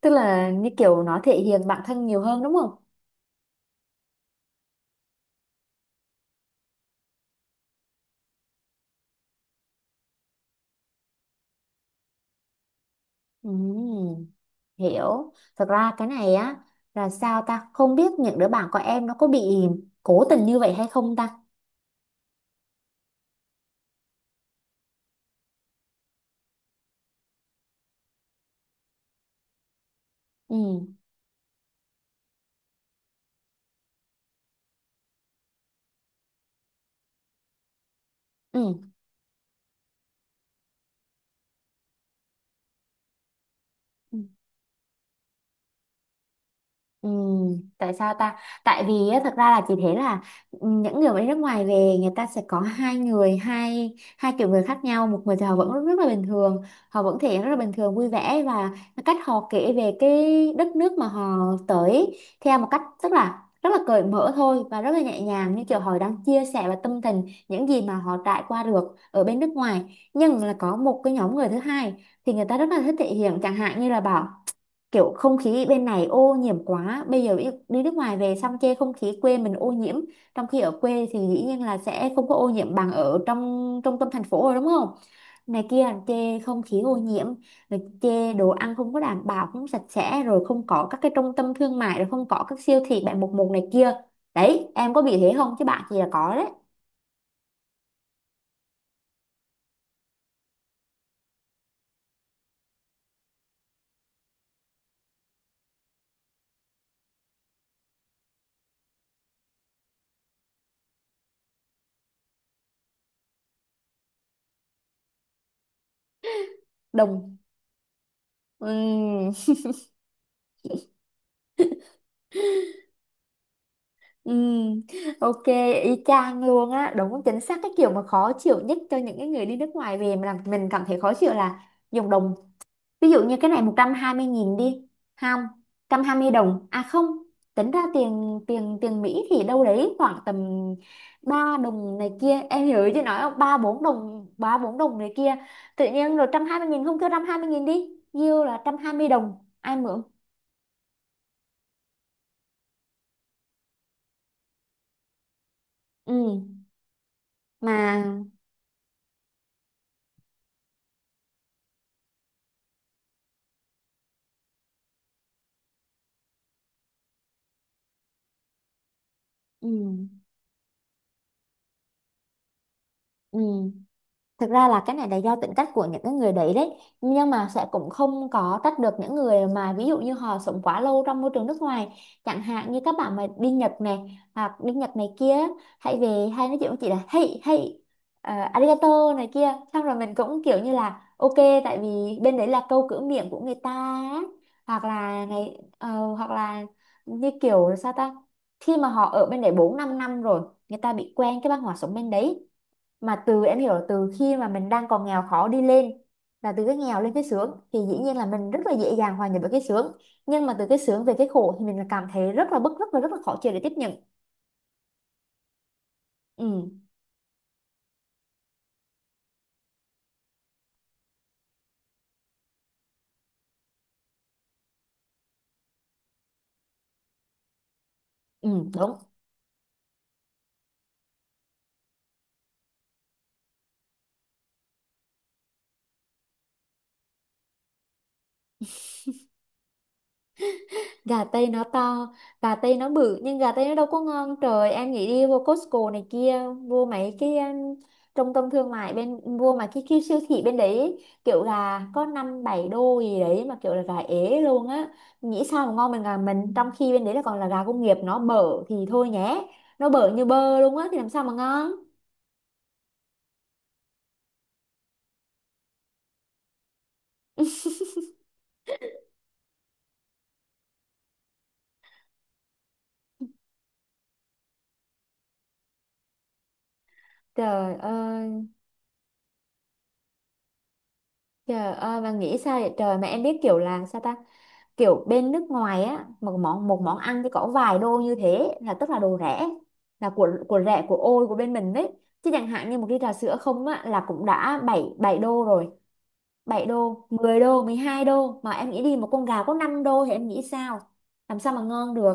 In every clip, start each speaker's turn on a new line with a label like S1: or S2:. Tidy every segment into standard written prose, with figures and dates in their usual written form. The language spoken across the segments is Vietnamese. S1: Tức là như kiểu nó thể hiện bản thân nhiều hơn đúng không? Ừm, hiểu. Thật ra cái này á là sao ta không biết những đứa bạn của em nó có bị cố tình như vậy hay không ta? Ừ, ừ. Ừ, tại sao ta? Tại vì á, thật ra là chị thấy là những người mà đi nước ngoài về người ta sẽ có hai người, hai hai kiểu người khác nhau. Một người thì họ vẫn rất, rất là bình thường, họ vẫn thể hiện rất là bình thường, vui vẻ và cái cách họ kể về cái đất nước mà họ tới theo một cách rất là cởi mở thôi và rất là nhẹ nhàng như kiểu họ đang chia sẻ và tâm tình những gì mà họ trải qua được ở bên nước ngoài. Nhưng là có một cái nhóm người thứ hai thì người ta rất là thích thể hiện chẳng hạn như là bảo kiểu không khí bên này ô nhiễm quá bây giờ đi nước ngoài về xong chê không khí quê mình ô nhiễm trong khi ở quê thì dĩ nhiên là sẽ không có ô nhiễm bằng ở trong trung tâm thành phố rồi đúng không, này kia chê không khí ô nhiễm, rồi chê đồ ăn không có đảm bảo, không sạch sẽ, rồi không có các cái trung tâm thương mại, rồi không có các siêu thị 7-Eleven này kia. Đấy em có bị thế không chứ bạn thì là có đấy. Đồng. Ừm. Ừ, ok, y chang luôn á, đúng chính xác cái kiểu mà khó chịu nhất cho những cái người đi nước ngoài về mà làm mình cảm thấy khó chịu là dùng đồng. Ví dụ như cái này 120.000 đi, không, 120 đồng, à không, tính ra tiền tiền tiền Mỹ thì đâu đấy khoảng tầm 3 đồng này kia, em hiểu chứ nói không, 3 4 đồng, 3 4 đồng này kia. Tự nhiên rồi 120.000 không kêu 120.000 đi, nhiêu là 120 đồng, ai mượn? Ừ, mà ừ, ừ. Thực ra là cái này là do tính cách của những cái người đấy đấy nhưng mà sẽ cũng không có trách được những người mà ví dụ như họ sống quá lâu trong môi trường nước ngoài, chẳng hạn như các bạn mà đi Nhật này hoặc đi Nhật này kia hay về hay nói chuyện với chị là hey hey, arigato này kia, xong rồi mình cũng kiểu như là ok, tại vì bên đấy là câu cửa miệng của người ta á. Hoặc là ngày hoặc là như kiểu là sao ta, khi mà họ ở bên đấy 4 5 năm rồi người ta bị quen cái văn hóa sống bên đấy. Mà từ em hiểu là từ khi mà mình đang còn nghèo khó đi lên, là từ cái nghèo lên cái sướng thì dĩ nhiên là mình rất là dễ dàng hòa nhập với cái sướng, nhưng mà từ cái sướng về cái khổ thì mình là cảm thấy rất là bức, rất là khó chịu để tiếp nhận. Ừ, ừ, đúng. Gà tây nó to, gà tây nó bự, nhưng gà tây nó đâu có ngon trời. Em nghĩ đi vô Costco này kia, vô mấy cái trung tâm thương mại bên vô mà cái siêu thị bên đấy ấy, kiểu gà có 5 7 đô gì đấy mà kiểu là gà ế luôn á. Nghĩ sao mà ngon bằng gà mình, trong khi bên đấy là còn là gà công nghiệp, nó bở thì thôi nhé, nó bở như bơ luôn á thì làm sao mà ngon. Trời ơi, trời ơi, mà nghĩ sao vậy trời. Mà em biết kiểu là sao ta, kiểu bên nước ngoài á, một món ăn thì có vài đô như thế là tức là đồ rẻ, là của rẻ, của ôi của bên mình đấy chứ. Chẳng hạn như một ly trà sữa không á là cũng đã 7 7 đô rồi, 7 đô, 10 đô, 12 đô, mà em nghĩ đi một con gà có 5 đô thì em nghĩ sao? Làm sao mà ngon được?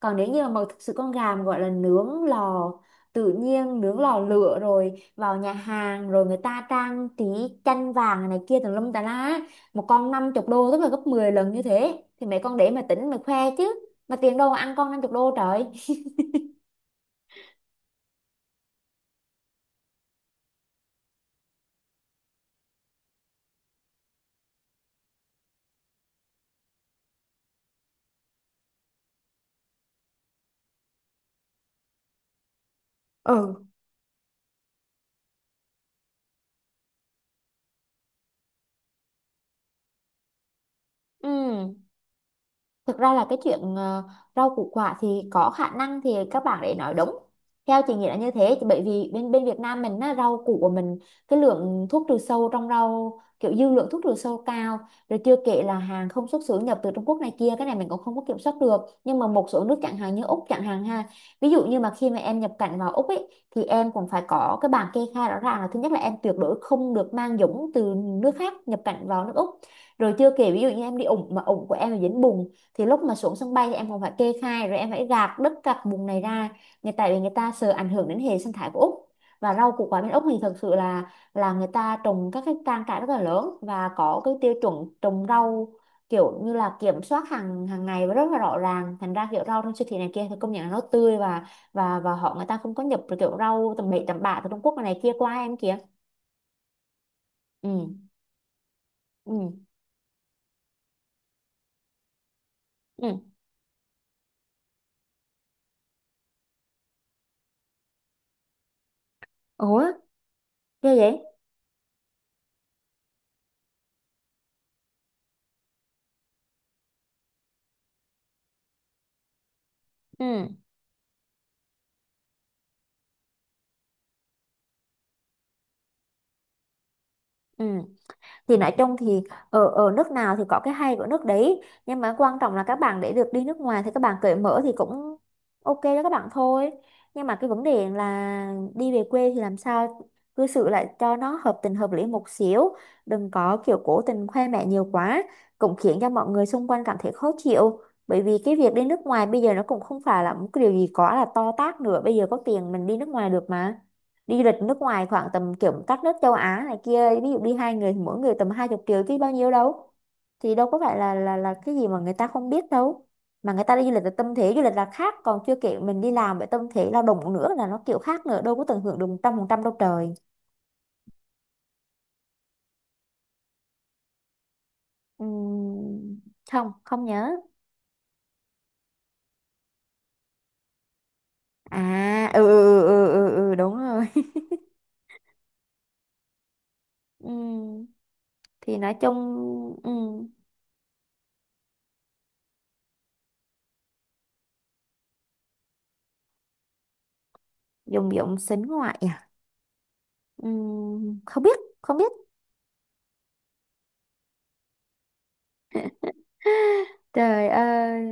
S1: Còn nếu như mà thực sự con gà mà gọi là nướng lò tự nhiên, nướng lò lửa rồi vào nhà hàng rồi người ta trang trí chanh vàng này kia tùm lum tà lá, một con 50 đô, tức là gấp 10 lần như thế thì mấy con để mà tính mà khoe chứ. Mà tiền đâu mà ăn con 50 đô trời. Ừ, ừ. Thực ra là cái chuyện rau củ quả thì có khả năng thì các bạn để nói đúng. Theo chị nghĩ là như thế. Thì bởi vì bên bên Việt Nam mình á, rau củ của mình, cái lượng thuốc trừ sâu trong rau, kiểu dư lượng thuốc trừ sâu cao, rồi chưa kể là hàng không xuất xứ nhập từ Trung Quốc này kia, cái này mình cũng không có kiểm soát được. Nhưng mà một số nước chẳng hạn như Úc chẳng hạn ha, ví dụ như mà khi mà em nhập cảnh vào Úc ấy, thì em cũng phải có cái bảng kê khai rõ ràng, là thứ nhất là em tuyệt đối không được mang dũng từ nước khác nhập cảnh vào nước Úc. Rồi chưa kể ví dụ như em đi ủng mà ủng của em là dính bùn, thì lúc mà xuống sân bay thì em còn phải kê khai, rồi em phải gạt đất gạt bùn này ra, người tại vì người ta sợ ảnh hưởng đến hệ sinh thái của Úc. Và rau củ quả bên Úc thì thực sự là người ta trồng các cái trang trại rất là lớn và có cái tiêu chuẩn trồng rau kiểu như là kiểm soát hàng hàng ngày và rất là rõ ràng, thành ra kiểu rau trong siêu thị này kia thì công nhận là nó tươi, và và họ người ta không có nhập được kiểu rau tầm bậy tầm bạ từ Trung Quốc này kia qua em kìa. Ừ, ừ, ừ. Ủa, ghê vậy. Ừ, ừ, thì nói chung thì ở ở nước nào thì có cái hay của nước đấy, nhưng mà quan trọng là các bạn để được đi nước ngoài thì các bạn cởi mở thì cũng ok đó các bạn thôi. Nhưng mà cái vấn đề là đi về quê thì làm sao cư xử lại cho nó hợp tình hợp lý một xíu, đừng có kiểu cố tình khoe mẽ nhiều quá, cũng khiến cho mọi người xung quanh cảm thấy khó chịu. Bởi vì cái việc đi nước ngoài bây giờ nó cũng không phải là một cái điều gì quá là to tát nữa, bây giờ có tiền mình đi nước ngoài được mà. Đi du lịch nước ngoài khoảng tầm kiểu các nước châu Á này kia, ví dụ đi hai người mỗi người tầm 20 triệu chứ bao nhiêu đâu. Thì đâu có phải là là cái gì mà người ta không biết đâu. Mà người ta đi du lịch là tâm thế du lịch là khác, còn chưa kể mình đi làm với tâm thế lao động nữa là nó kiểu khác nữa, đâu có tận hưởng được một trăm phần trăm đâu trời. Ừm, không không nhớ. À ừ ừ ừ ừ, ừ ừ, đúng rồi. Ừm, thì nói chung. ừm, Dùng dụng sính ngoại à. Không biết không biết. Trời ơi,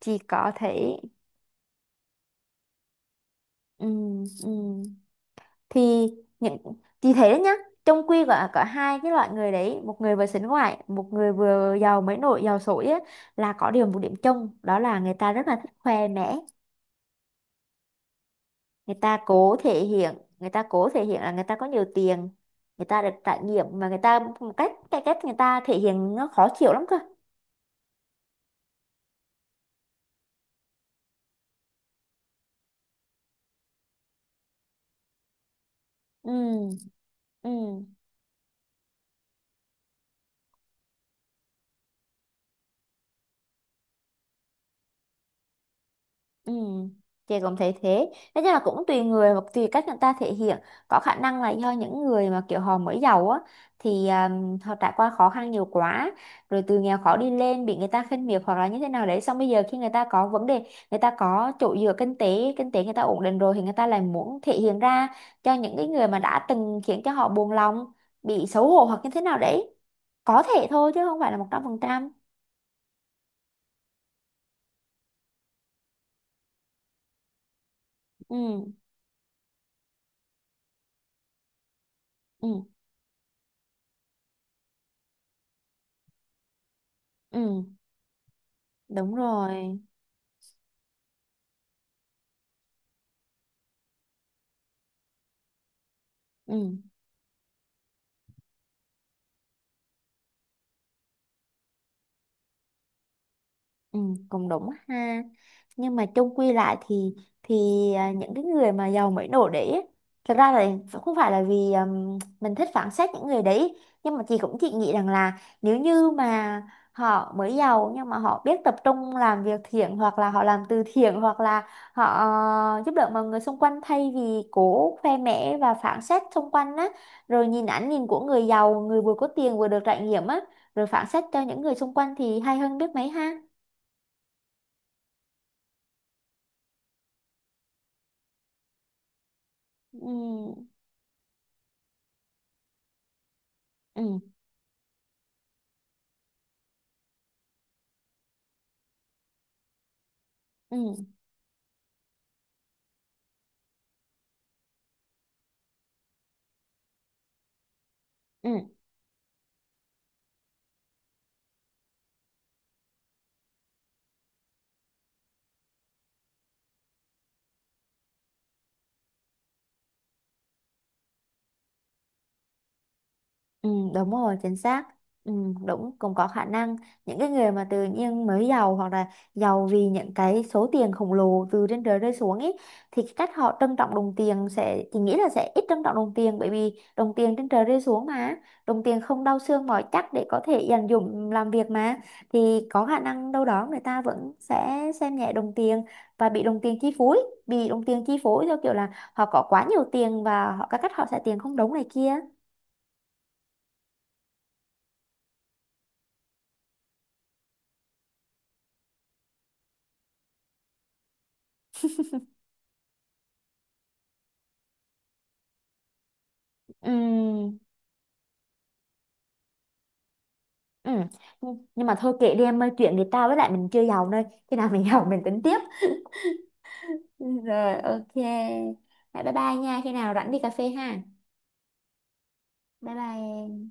S1: chỉ có thế. Ừ, ừ. Thì những, thì thấy đấy nhá, trong quy có hai cái loại người đấy, một người vừa sánh ngoại, một người vừa giàu mới nổi giàu sổi á, là có điều một điểm chung đó là người ta rất là thích khoe mẽ. Người ta cố thể hiện người ta cố thể hiện là người ta có nhiều tiền, người ta được trải nghiệm, mà người ta một cách, cái cách người ta thể hiện nó khó chịu lắm cơ. Ừ, ừ. Ừ, chị cũng thấy thế. Nói chung là cũng tùy người và tùy cách người ta thể hiện. Có khả năng là do những người mà kiểu họ mới giàu á, thì họ trải qua khó khăn nhiều quá, rồi từ nghèo khó đi lên bị người ta khinh miệt hoặc là như thế nào đấy. Xong bây giờ khi người ta có vấn đề, người ta có chỗ dựa kinh tế người ta ổn định rồi thì người ta lại muốn thể hiện ra cho những cái người mà đã từng khiến cho họ buồn lòng, bị xấu hổ hoặc như thế nào đấy. Có thể thôi chứ không phải là 100%. Ừ, ừ, ừ, đúng rồi. Ừ. Ừ, cũng đúng ha. Nhưng mà chung quy lại thì à, những cái người mà giàu mới nổi đấy ấy, thật ra là không phải là vì mình thích phán xét những người đấy, nhưng mà chị nghĩ rằng là nếu như mà họ mới giàu nhưng mà họ biết tập trung làm việc thiện, hoặc là họ làm từ thiện, hoặc là họ giúp đỡ mọi người xung quanh thay vì cố khoe mẽ và phán xét xung quanh á, rồi nhìn ánh nhìn của người giàu, người vừa có tiền vừa được trải nghiệm á, rồi phán xét cho những người xung quanh, thì hay hơn biết mấy ha. Ừ, ừ, ừ, ừ. Ừ, đúng rồi, chính xác. Ừ, đúng, cũng có khả năng những cái người mà tự nhiên mới giàu, hoặc là giàu vì những cái số tiền khổng lồ từ trên trời rơi xuống ấy, thì cái cách họ trân trọng đồng tiền sẽ, thì nghĩ là sẽ ít trân trọng đồng tiền, bởi vì đồng tiền trên trời rơi xuống mà, đồng tiền không đau xương mỏi chắc để có thể dành dụm làm việc mà. Thì có khả năng đâu đó người ta vẫn sẽ xem nhẹ đồng tiền và bị đồng tiền chi phối theo kiểu là họ có quá nhiều tiền và họ các cách họ xài tiền không đúng này kia. Ừ. Ừ. Nhưng mà thôi kệ đi em ơi, chuyện thì tao với lại mình chưa giàu nơi, khi nào mình giàu mình tính tiếp. Rồi ok. Rồi, bye bye nha. Khi nào rảnh đi cà phê ha. Bye bye em.